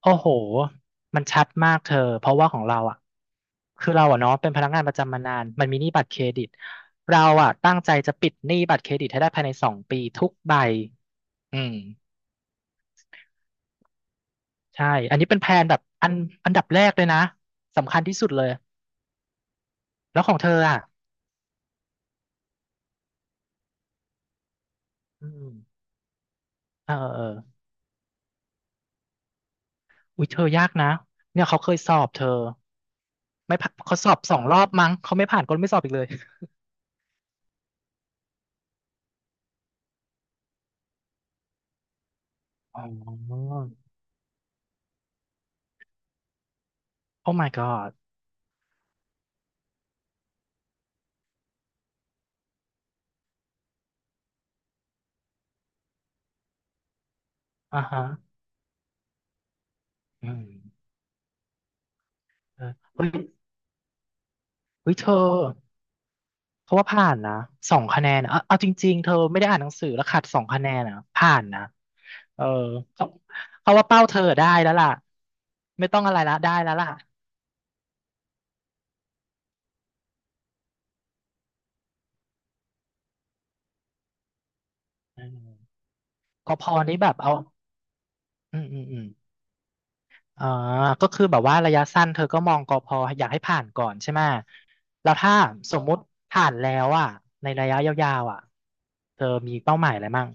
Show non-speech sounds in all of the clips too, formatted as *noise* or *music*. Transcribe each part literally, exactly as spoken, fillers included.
โอ้โห มันชัดมากเธอ เพราะว่าของเราอ่ะ คือเราอ่ะเนาะเป็นพนักงานประจำมานาน มันมีหนี้บัตรเครดิต เราอ่ะตั้งใจจะปิดหนี้บัตรเครดิตให้ได้ภายในสองปีทุกใบอืมใช่ อันนี้เป็นแพลนแบบอันอันดับแรกเลยนะ สำคัญที่สุดเลย แล้วของเธออ่ะอืมเออเอออุ้ยเธอยากนะ เนี่ยเขาเคยสอบเธอไม่ผ่านเขาสอบสองรอบมั้งเขาไม่ผ่านก็ไม่สอบอีกเลยอ๋อ o my god อ่าฮะอืมเออเฮ้ยเฮ้ยเธอ เขาว่าผ่านนะสองคะแนนอะเอาเอาจริงๆเธอไม่ได้อ่านหนังสือแล้วขาดสองคะแนนนะผ่านนะเออเขาเขาว่าเป้าเธอได้แล้วล่ะไม่ต้องอะไรละได้แล้วล่ะอืมกพนี้แบบเอาอืมอืมอืมอ่าก็คือแบบว่าระยะสั้นเธอก็มองกพอยากให้ผ่านก่อนใช่ไหมแล้วถ้าสมมุติผ่านแล้วอ่ะในระยะยาวๆอ่ะเธอมีเป้าหมายอะไรมั่ง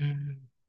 อืม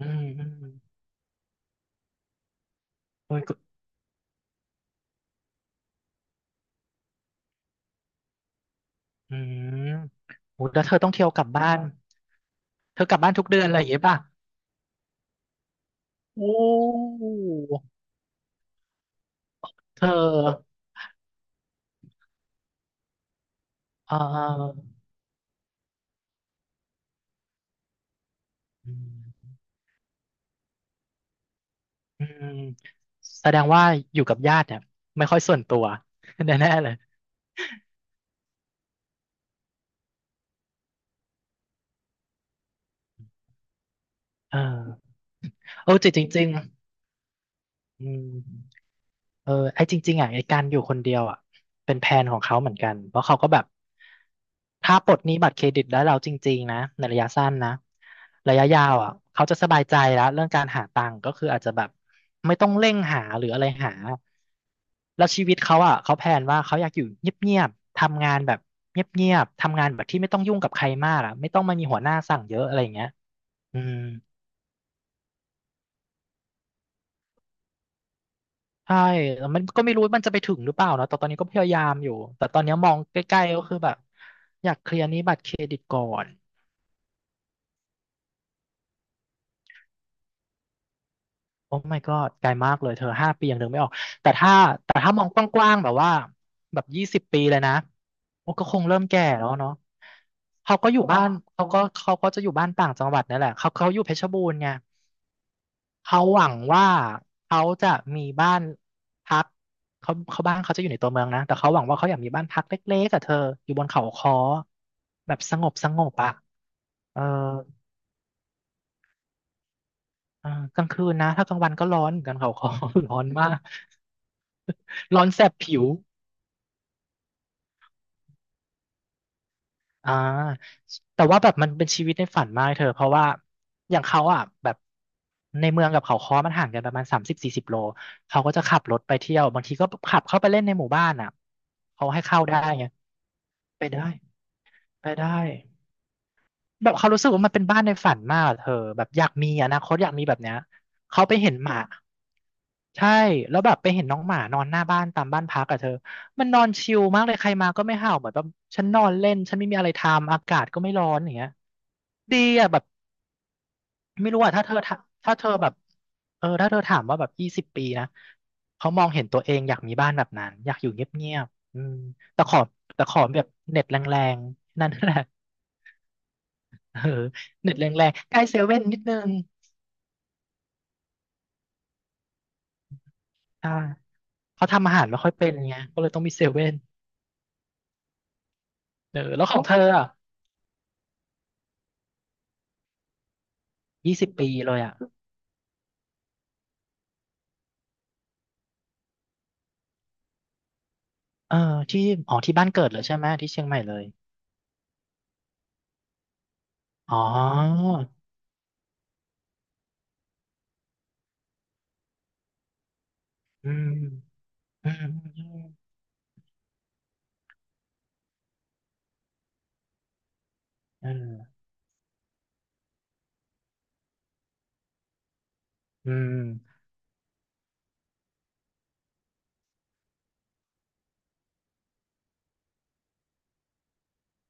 อืมอืมอืมโอ้ยก็อืมโหยแล้วเธอต้องเที่ยวกลับบ้าน เธอกลับบ้านทุกเดือนอะไรอย่างเงี้ยป่ะโอ้เธอเอออืมอืมแสดงว่าอยู่กับญาติเนี่ยไม่ค่อยส่วนตัว *laughs* แน่ๆเลยเออเออจริงจริงๆอืม เออไอ้จริงๆอ่ะไอ้การอยู่คนเดียวอ่ะเป็นแผนของเขาเหมือนกันเพราะเขาก็แบบถ้าปลดหนี้บัตรเครดิตได้แล้วจริงๆนะในระยะสั้นนะระยะยาวอ่ะเขาจะสบายใจแล้วเรื่องการหาตังค์ก็คืออาจจะแบบไม่ต้องเร่งหาหรืออะไรหาแล้วชีวิตเขาอ่ะเขาแพลนว่าเขาอยากอยู่เงียบๆทำงานแบบเงียบๆทำงานแบบที่ไม่ต้องยุ่งกับใครมากอ่ะไม่ต้องมามีหัวหน้าสั่งเยอะอะไรอย่างเงี้ยอืม ใช่แล้วมันก็ไม่รู้มันจะไปถึงหรือเปล่านะแต่ตอนนี้ก็พยายามอยู่ แต่ตอนนี้มองใกล้ๆก็คือแบบอยากเคลียร์หนี้บัตรเครดิตก่อน โอ้ my god ไกลมากเลยเธอห้าปียังนึกไม่ออกแต่ถ้าแต่ถ้ามองกว้างๆแบบว่าแบบยี่สิบปีเลยนะโอ้ก็คงเริ่มแก่แล้วเนาะเขาก็อยู่บ้านเขาก็เขาก็จะอยู่บ้านต่างจังหวัดนั่นแหละเขาเขาอยู่เพชรบูรณ์ไงเขาหวังว่าเขาจะมีบ้านพักเขาเขาบ้านเขาจะอยู่ในตัวเมืองนะแต่เขาหวังว่าเขาอยากมีบ้านพักเล็กๆกับเธออยู่บนเขาค้อแบบสงบสงบอ่ะเออ อ่ากลางคืนนะถ้ากลางวันก็ร้อนเหมือนกันเขาคอ *laughs* ร้อนมากร้อนแสบผิวอ่าแต่ว่าแบบมันเป็นชีวิตในฝันมากเธอเพราะว่าอย่างเขาอ่ะแบบในเมืองกับเขาค้อมันห่างกันประมาณสามสิบสี่สิบโลเขาก็จะขับรถไปเที่ยวบางทีก็ขับเข้าไปเล่นในหมู่บ้านอ่ะเขาให้เข้าได้ไงไปได้ไปได้แบบเขารู้สึกว่ามันเป็นบ้านในฝันมากอะเธอแบบอยากมีอนาคตอยากมีแบบเนี้ยเขาไปเห็นหมา ใช่แล้วแบบไปเห็นน้องหมานอนหน้าบ้านตามบ้านพักอะเธอมันนอนชิลมากเลยใครมาก็ไม่เห่าเหมือนแบบฉันนอนเล่นฉันไม่มีอะไรทำอากาศก็ไม่ร้อนอย่างเงี้ยดีอะแบบไม่รู้อะถ้าเธอถ้าถ้าเธอแบบเออถ้าเธอถามว่าแบบยี่สิบปีนะเขามองเห็นตัวเองอยากมีบ้านแบบนั้นอยากอยู่เงียบๆอืมแต่ขอแต่ขอแบบเน็ตแรงๆนั่นแหละเออเน็ตแรงๆใกล้เซเว่นนิดนึงอ่าเขาทำอาหารไม่ค่อยเป็นไงก็เลยต้องมีเซเว่นเออแล้วของเธออะยี่สิบปีเลยอะ เออที่อ๋อที่บ้านเกิดเลยใช่ไหมที่เชียงใหม่เลยอ๋ออืมอืมอืมเอออืม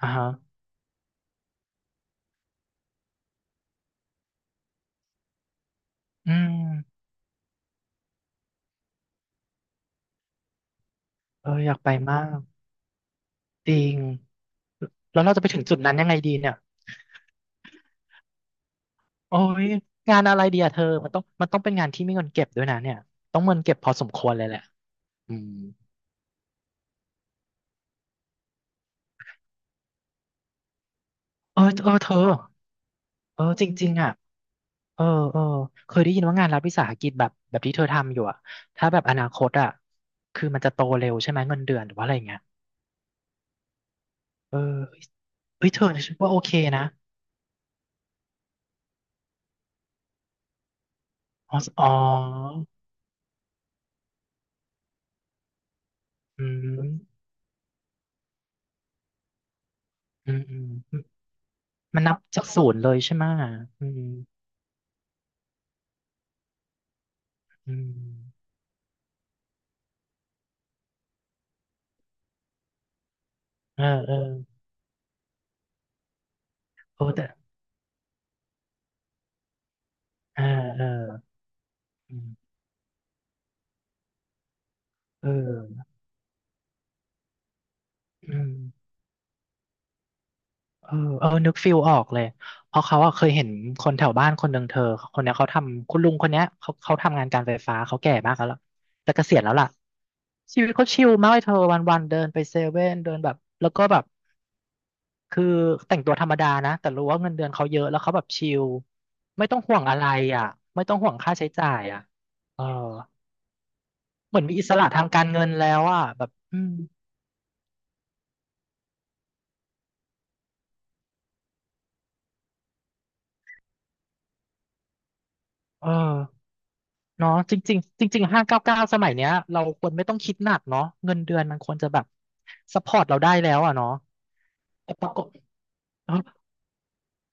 อ่าฮะอืมเอออยากไปมากจริงแล้วเราจะไปถึงจุดนั้นยังไงดีเนี่ยโอ้ยงานอะไรดีอะเธอมันต้องมันต้องเป็นงานที่มีเงินเก็บด้วยนะเนี่ยต้องเงินเก็บพอสมควรเลยแหละอืมเออเออเธอเออจริงๆอ่ะเออเออเคยได้ยินว่างานรัฐวิสาหกิจแบบแบบที่เธอทำอยู่อ่ะถ้าแบบอนาคตอ่ะคือมันจะโตเร็วใช่ไหมเงินเดือนหรือว่าอะไรอย่างเงี้ย เออเฮ้ยเธอฉันว่าโอเคนะอ๋ออ๋ออืมอืมอืมมันนับจากศูนย์เลยใช่ไหมะอืมอืมเออเออโอ้แต่เออเอออืมเอออืมเออเออนึกฟิลออกเลย เพราะเขาอะเคยเห็นคนแถวบ้านคนหนึ่งเธอคนเนี้ยเขาทำคุณลุงคนเนี้ยเขาเขาทำงานการไฟฟ้าเขาแก่มากแล้วล่ะแต่เกษียณแล้วล่ะ ชีวิตเขาชิลมากเลยเธอวันวันเดินไปเซเว่นเดินแบบแล้วก็แบบ คือแต่งตัวธรรมดานะแต่รู้ว่าเงินเดือนเขาเยอะแล้วเขาแบบชิลไม่ต้องห่วงอะไรอ่ะไม่ต้องห่วงค่าใช้จ่ายอ่ะเออเหมือนมีอิสระทางการเงินแล้วอ่ะแบบอืมเออเนาะจริงๆจริงๆห้าเก้าเก้าสมัยเนี้ยเราควรไม่ต้องคิดหนักเนาะเงินเดือนมันควรจะแบบซัพพอร์ตเราได้แล้วอ่ะเนาะแต่ปรากฏเออ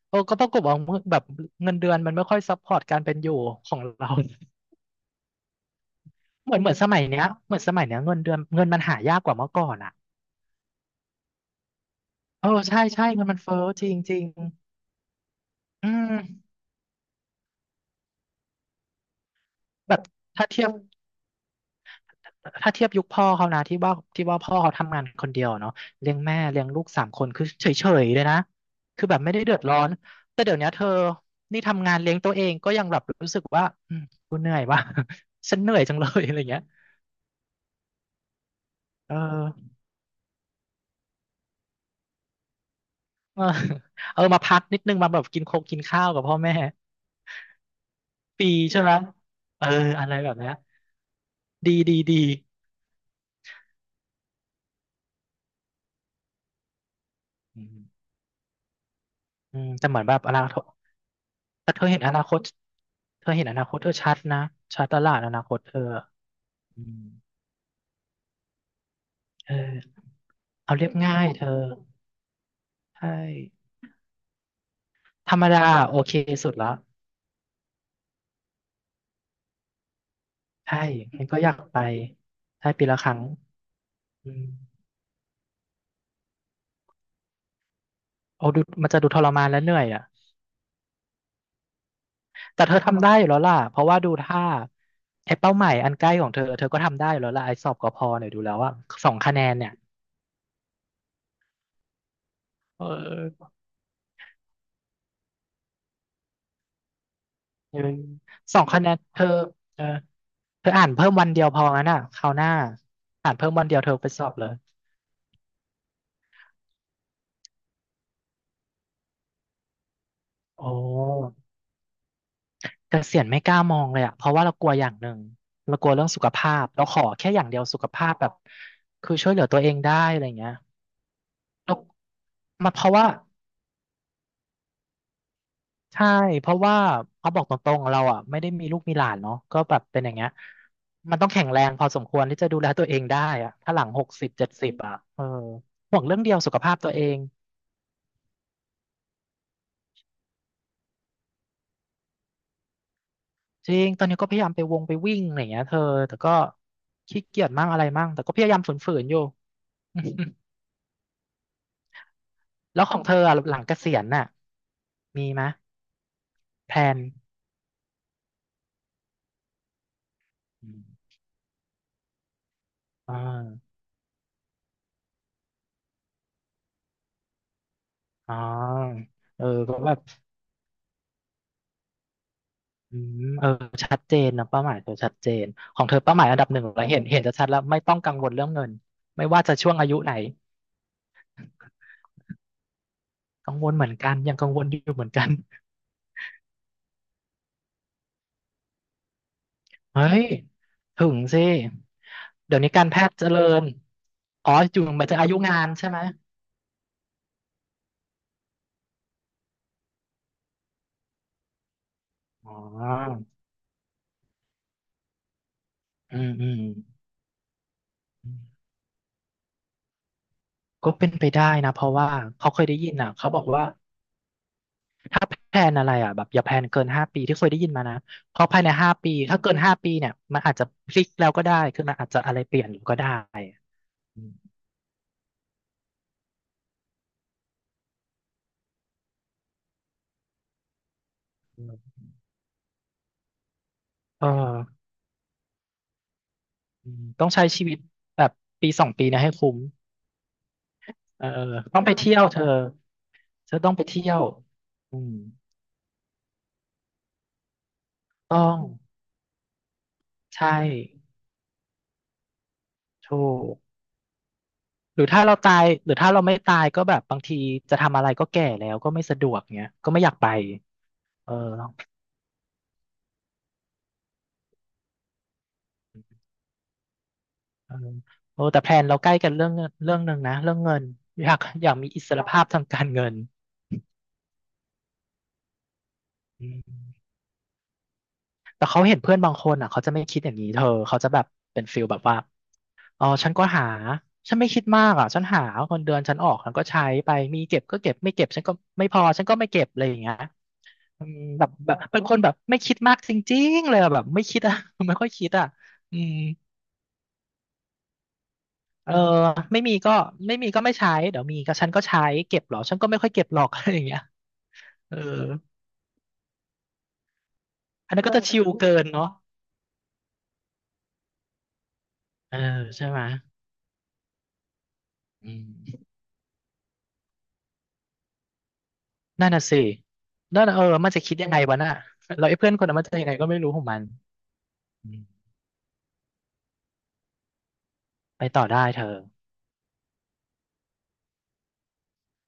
เออก็ปรากฏว่าแบบเงินเดือนมันไม่ค่อยซัพพอร์ตการเป็นอยู่ของเรา *laughs* เหมือนเหมือนสมัยเนี้ยเหมือนสมัยเนี้ยเงินเดือนเงินมันหายากกว่าเมื่อก่อนอ่ะ เออใช่ใช่เงินมันเฟ้อจริงจริงอืมแบบถ้าเทียบถ้าเทียบยุคพ่อเขานะที่ว่าที่ว่าพ่อเขาทำงานคนเดียวเนาะเลี้ยงแม่เลี้ยงลูกสามคนคือเฉยเฉยเลยนะคือแบบไม่ได้เดือดร้อนแต่เดี๋ยวเนี้ยเธอนี่ทำงานเลี้ยงตัวเองก็ยังแบบรู้สึกว่าอืมกูเหนื่อยว่ะ *laughs* ฉันเหนื่อยจังเลยอะไรเงี้ยเออเออ *laughs* เออมาพักนิดนึงมาแบบกินโคกกินข้าวกับพ่อแม่ฟรีใช่ไหมเอออะไรแบบเนี้ยดีดีดีอืมอืมแต่เหมือนแบบอนาคต แต่เธอเห็นอนาคตเธอเห็นอนาคตเธอชัดนะชัดตลาดอนาคตเธออืมเออเอาเรียบง่ายเธอใช่ธรรมดาโอเคสุดละใช่มันก็อยากไปใช่ปีละครั้งอืมเอาดูมันจะดูทรมานและเหนื่อยอ่ะแต่เธอทำได้อยู่แล้วล่ะเพราะว่าดูท่าไอ้เป้าหมายอันใกล้ของเธอเธอก็ทำได้อยู่แล้วล่ะไอ้สอบกพเนี่ยดูแล้วว่าสองคะแนนเนี่ยเออเออสองคะแนนเธอเออ เธออ่านเพิ่มวันเดียวพองั้นอ่ะคราวหน้าอ่านเพิ่มวันเดียวเธอไปสอบเลยโอ้เกษียณไม่กล้ามองเลยอ่ะเพราะว่าเรากลัวอย่างหนึ่งเรากลัวเรื่องสุขภาพเราขอแค่อย่างเดียวสุขภาพแบบคือช่วยเหลือตัวเองได้อะไรเงี้ยเรามาเพราะว่าใช่เพราะว่าเขาบอกตรงๆเราอ่ะไม่ได้มีลูกมีหลานเนาะก็แบบเป็นอย่างเงี้ยมันต้องแข็งแรงพอสมควรที่จะดูแลตัวเองได้อ่ะถ้าหลังหกสิบเจ็ดสิบอ่ะเออห่วงเรื่องเดียวสุขภาพตัวเอง จริงตอนนี้ก็พยายามไปวงไปวิ่งอะไรอย่างเงี้ยเธอแต่ก็ขี้เกียจมั่งอะไรมั่งแต่ก็พยายามฝืนๆอยู่ *laughs* แล้วของเธออะหลังเกษียณน่ะมีไหมยแพลนอมอ่าอ๋อเออก็แบบอืมเออชัดเจนนะเป้าหมายเธอชัดเจนของเธอเป้าหมายอันดับหนึ่งเราเห็นเห็นจะชัดแล้วไม่ต้องกังวลเรื่องเงินไม่ว่าจะช่วงอายุไหนกังวลเหมือนกันยังกังวลอยู่เหมือนกัน เฮ้ยถึงสิเดี๋ยวนี้การแพทย์เจริญอ๋ออยู่หมายถึงอายุงานใช่ไหมอ๋ออืมอืมอืมก็เป็นไปได้นะเพราะว่าเขาเคยได้ยินอ่ะเขาบอกว่าถ้าแพลนอะไรอ่ะแบบอย่าแพลนเกินห้าปีที่เคยได้ยินมานะเพราะภายในห้าปีถ้าเกินห้าปีเนี่ยมันอาจจะพลิกแล้วก็ได้คือมันอาจจะอะไรเปลี่ยนก็ได้อืมเอออืมต้องใช้ชีวิตแบบปีสองปีเนะให้คุ้มเออเออต้องไปเที่ยวเธอเธอต้องไปเที่ยวอืม ต้องใช่ถูกหรือถ้าเราตายหรือถ้าเราไม่ตายก็แบบบางทีจะทำอะไรก็แก่แล้วก็ไม่สะดวกเงี้ยก็ไม่อยากไปเออเออโอ้แต่แพลนเราใกล้กันเรื่องเงินเรื่องหนึ่งนะเรื่องเงินอยากอยากมีอิสรภาพทางการเงินอืมแต่เขาเห็นเพื่อนบางคนอ่ะเขาจะไม่คิดอย่างนี้เธอเขาจะแบบเป็นฟิลแบบว่าอ๋อฉันก็หาฉันไม่คิดมากอ่ะฉันหาเงินเดือนฉันออกฉันก็ใช้ไปมีเก็บก็เก็บไม่เก็บฉันก็ไม่พอฉันก็ไม่เก็บอะไรอย่างเงี้ย อืมแบบแบบเป็นคนแบบไม่คิดมากจริงๆเลยอะแบบไม่คิดอะ *laughs* ไม่ค่อยคิดอะอืมเออไม่มีก็ไม่มีก็ไม่ใช้เดี๋ยวมีก็ฉันก็ใช้เก็บเหรอฉันก็ไม่ค่อยเก็บหรอก *laughs* อะไรอย่างเงี้ยเอออันนั้นก็จะชิลเกินเนาะเออใช่ไหมอืมนั่นน่ะสินั่นน่ะเออมันจะคิดยังไงวะน่ะแล้วไอ้เพื่อนคนนั้นมันจะยังไงก็ไม่รู้ของมันอืมไปต่อได้เธอ